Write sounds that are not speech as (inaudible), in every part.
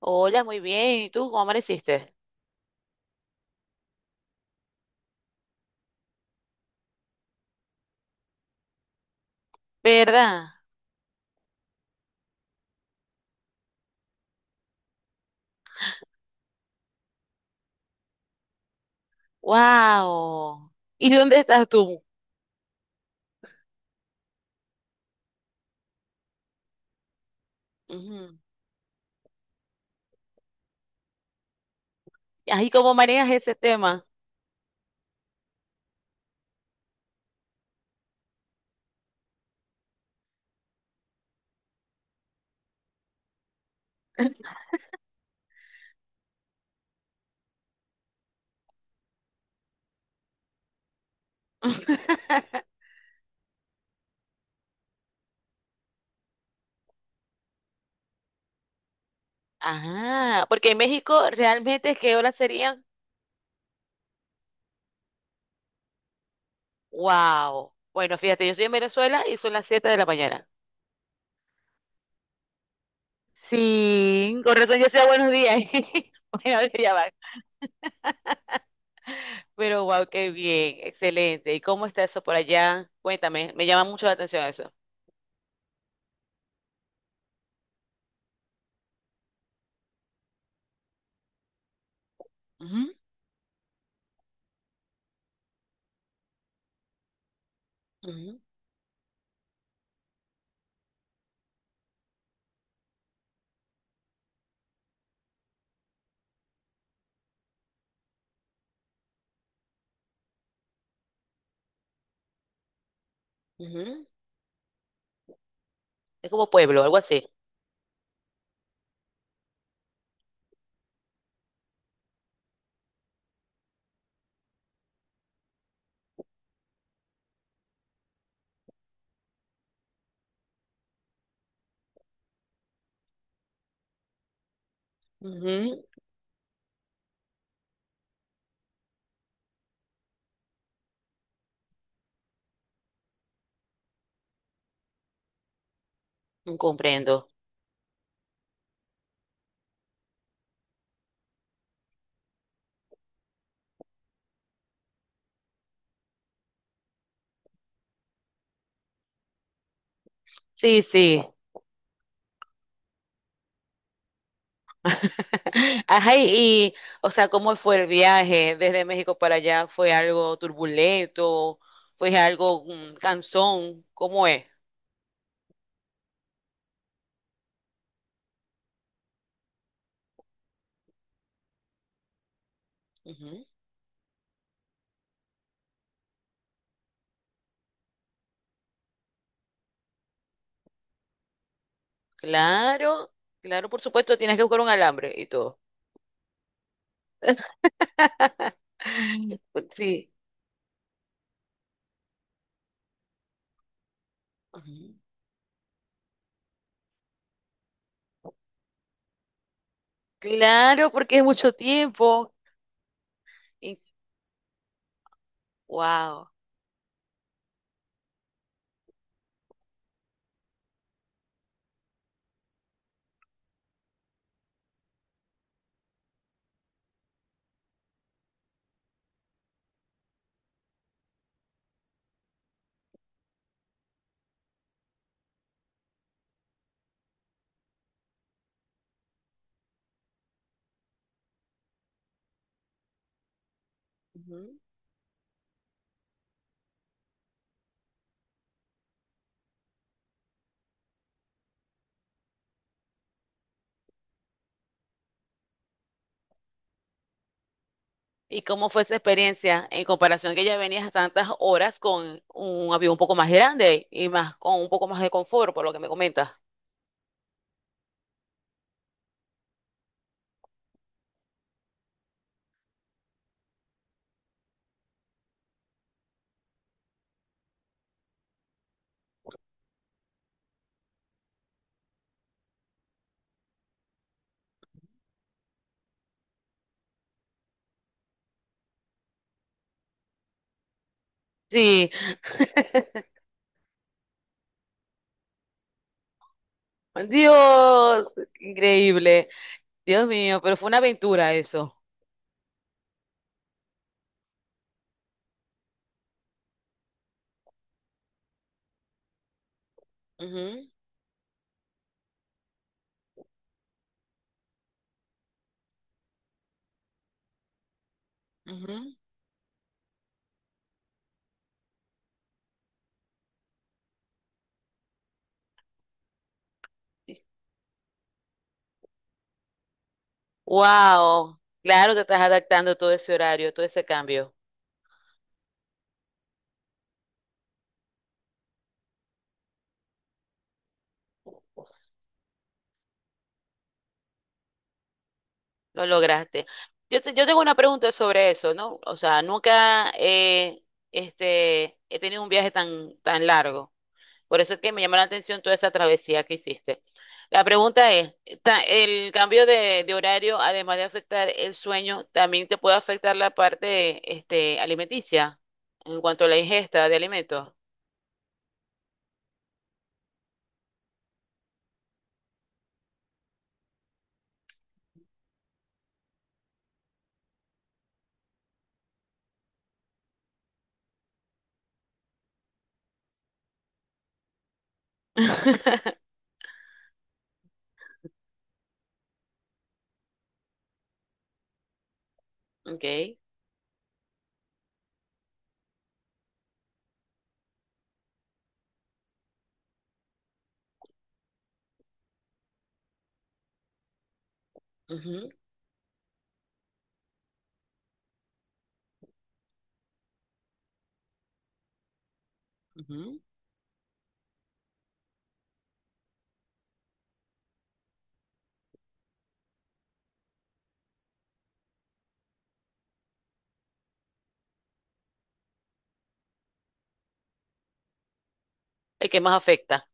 Hola, muy bien. ¿Y tú cómo amaneciste? ¿Verdad? ¡Wow! ¿Y dónde estás tú? Ujú. Ay, ¿cómo manejas ese tema? (laughs) Ah, porque en México realmente, ¿qué horas serían? ¡Wow! Bueno, fíjate, yo estoy en Venezuela y son las 7 de la mañana. Sí, con razón ya sea buenos días. (laughs) Bueno, ya va. Pero wow, qué bien, excelente. ¿Y cómo está eso por allá? Cuéntame, me llama mucho la atención eso. Ujú, ujú, ujú. Es como pueblo, algo así. Ujú, comprendo. Sí, sí. (laughs) Ajá, y, o sea, ¿cómo fue el viaje desde México para allá? ¿Fue algo turbulento? ¿Fue algo cansón? ¿Cómo es? Claro, claro, por supuesto, tienes que buscar un alambre y todo. (laughs) Sí. Ujú. Claro, porque es mucho tiempo. Y, wow. Ujú. ¿Y cómo fue esa experiencia en comparación que ya venías tantas horas con un avión un poco más grande y más con un poco más de confort, por lo que me comentas? Sí. (laughs) Dios, increíble. Dios mío, pero fue una aventura eso. Ujú, ujú. Wow, claro, te estás adaptando a todo ese horario, todo ese cambio. Lo lograste. Yo, yo tengo una pregunta sobre eso, ¿no? O sea, nunca he tenido un viaje tan, tan largo. Por eso es que me llamó la atención toda esa travesía que hiciste. La pregunta es, ¿el cambio de horario, además de afectar el sueño, también te puede afectar la parte alimenticia en cuanto a la ingesta de alimentos? (laughs) Ok. Ujú, ujú. El que más afecta.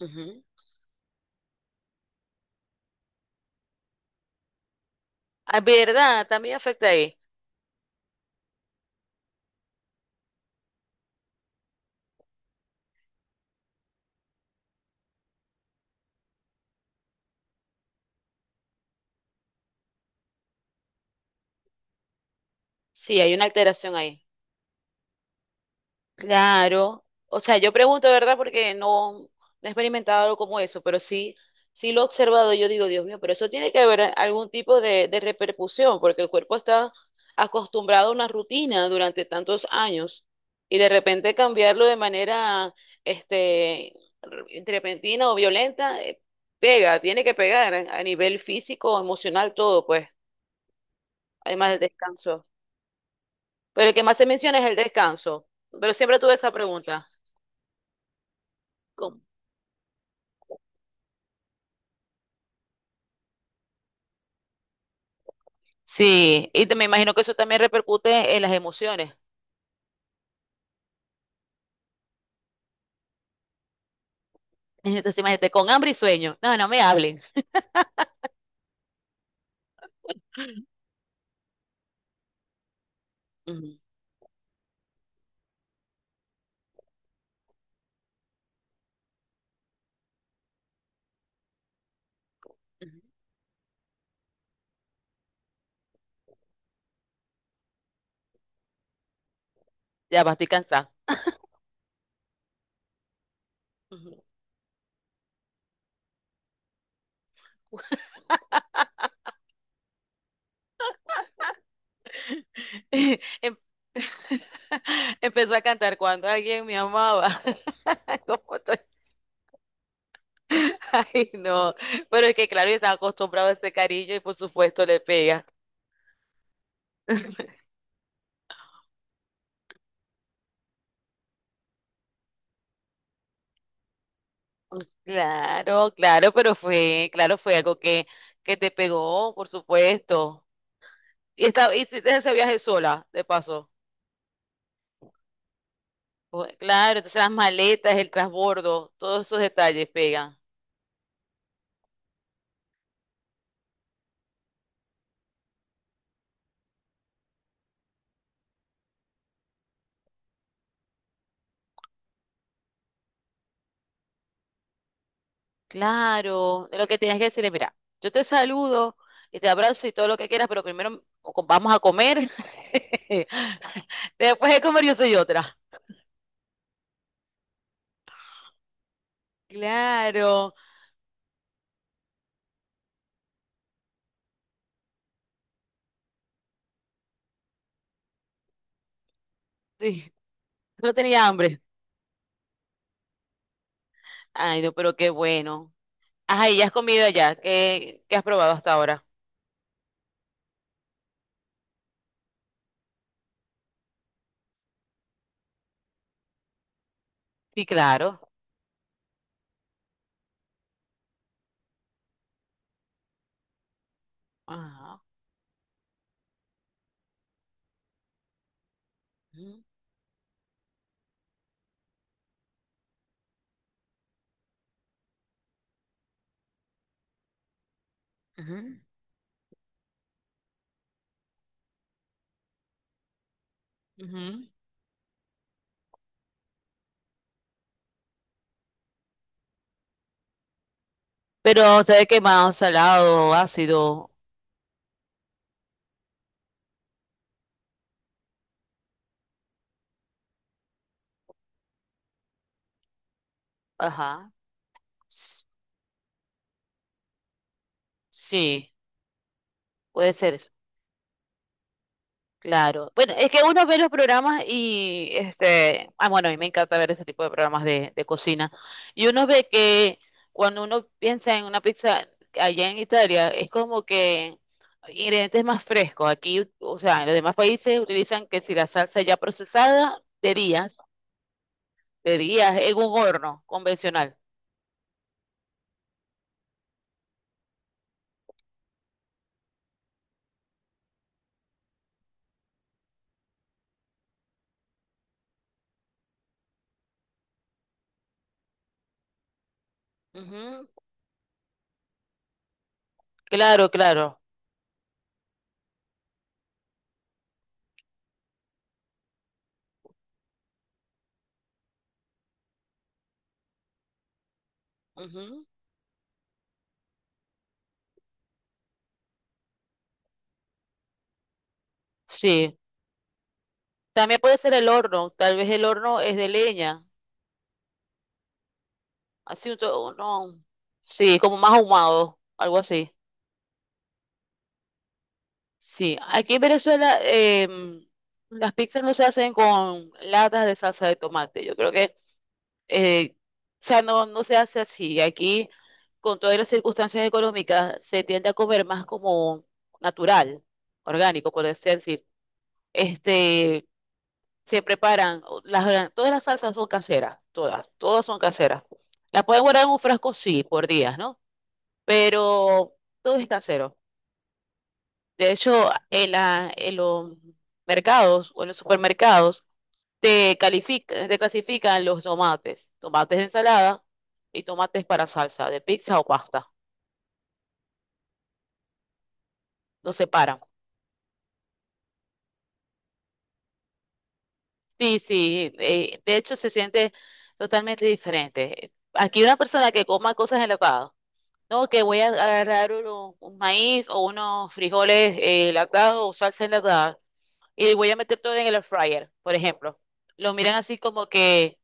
Ujú. Ah, ¿verdad? También afecta ahí. Sí, hay una alteración ahí. Claro, o sea, yo pregunto, ¿verdad? Porque no, no he experimentado algo como eso, pero sí, sí lo he observado. Yo digo, Dios mío, pero eso tiene que haber algún tipo de repercusión, porque el cuerpo está acostumbrado a una rutina durante tantos años y de repente cambiarlo de manera, este, repentina o violenta, pega, tiene que pegar a nivel físico, emocional, todo, pues, además del descanso. Pero el que más se menciona es el descanso, pero siempre tuve esa pregunta. Sí, y me imagino que eso también repercute en las emociones. Entonces, imagínate, con hambre y sueño. No, no me hablen. Ujú, ujú. Ya va, estoy cansada. Ujú. (laughs) Em- (laughs) Empezó a cantar cuando alguien me amaba. (laughs) ¿Cómo estoy? Ay, no. Pero es que, claro, yo estaba acostumbrado a ese cariño y por supuesto le pega. (laughs) Claro, claro, pero fue, claro, fue algo que te pegó, por supuesto. Y, esta, y hiciste ese viaje sola, de paso. Claro, entonces las maletas, el transbordo, todos esos detalles pegan. Claro, lo que tienes que decirle, mira, yo te saludo y te abrazo y todo lo que quieras, pero primero o vamos a comer. (laughs) Después de comer yo soy otra. Claro, sí, no tenía hambre. Ay, no, pero qué bueno. Ajá, ¿y ya has comido allá? ¿Qué, qué has probado hasta ahora? Sí, claro. Ajá. Ujú, ujú, ujú. Pero, ¿sabe qué más? Salado, ácido. Ajá. Sí, puede ser, claro. Bueno, es que uno ve los programas y este, ah, bueno, a mí me encanta ver ese tipo de programas de cocina. Y uno ve que cuando uno piensa en una pizza allá en Italia, es como que ingredientes más frescos. Aquí, o sea, en los demás países utilizan que si la salsa ya procesada de días en un horno convencional. Ujú, claro, claro. Ujú, sí. También puede ser el horno. Tal vez el horno es de leña. Así un no. Sí, como más ahumado, algo así. Sí. Aquí en Venezuela las pizzas no se hacen con latas de salsa de tomate. Yo creo que eh, o sea, no, no se hace así. Aquí, con todas las circunstancias económicas, se tiende a comer más como natural, orgánico, por así decir. Este, se preparan, las, todas las salsas son caseras, todas, todas son caseras. Las pueden guardar en un frasco, sí, por días, ¿no? Pero todo es casero. De hecho, en en los mercados o en los supermercados, te califica, te clasifican los tomates, tomates de ensalada y tomates para salsa de pizza o pasta. Los separan. Sí, sí, de hecho se siente totalmente diferente. Aquí una persona que coma cosas enlatadas, no, que voy a agarrar un maíz o unos frijoles enlatados o salsa enlatada y voy a meter todo en el air fryer, por ejemplo. Lo miran así como que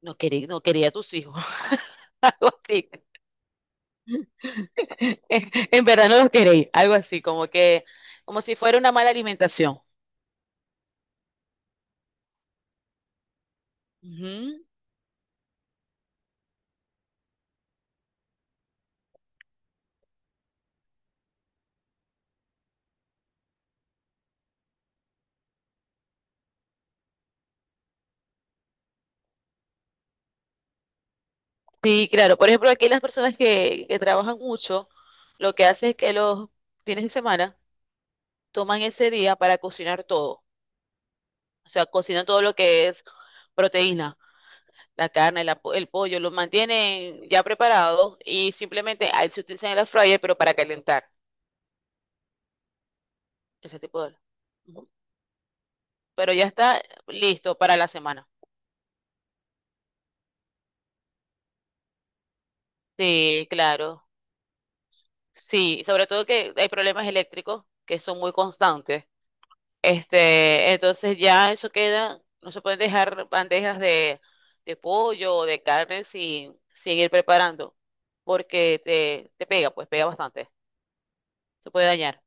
no quería, no quería a tus hijos. (laughs) Algo así. (laughs) En verdad no los queréis, algo así, como que, como si fuera una mala alimentación. Ujú. Sí, claro. Por ejemplo, aquí las personas que trabajan mucho, lo que hacen es que los fines de semana toman ese día para cocinar todo. O sea, cocinan todo lo que es proteína, la carne, el pollo, lo mantienen ya preparado y simplemente ahí se utilizan el air fryer, pero para calentar ese tipo de... Ujú. Pero ya está listo para la semana. Sí, claro. Sí, sobre todo que hay problemas eléctricos que son muy constantes. Este, entonces ya eso queda, no se pueden dejar bandejas de pollo o de carne sin, sin ir preparando, porque te pega, pues pega bastante, se puede dañar.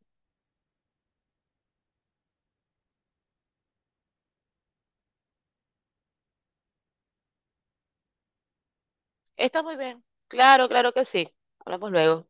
Está muy bien, claro, claro que sí. Hablamos luego.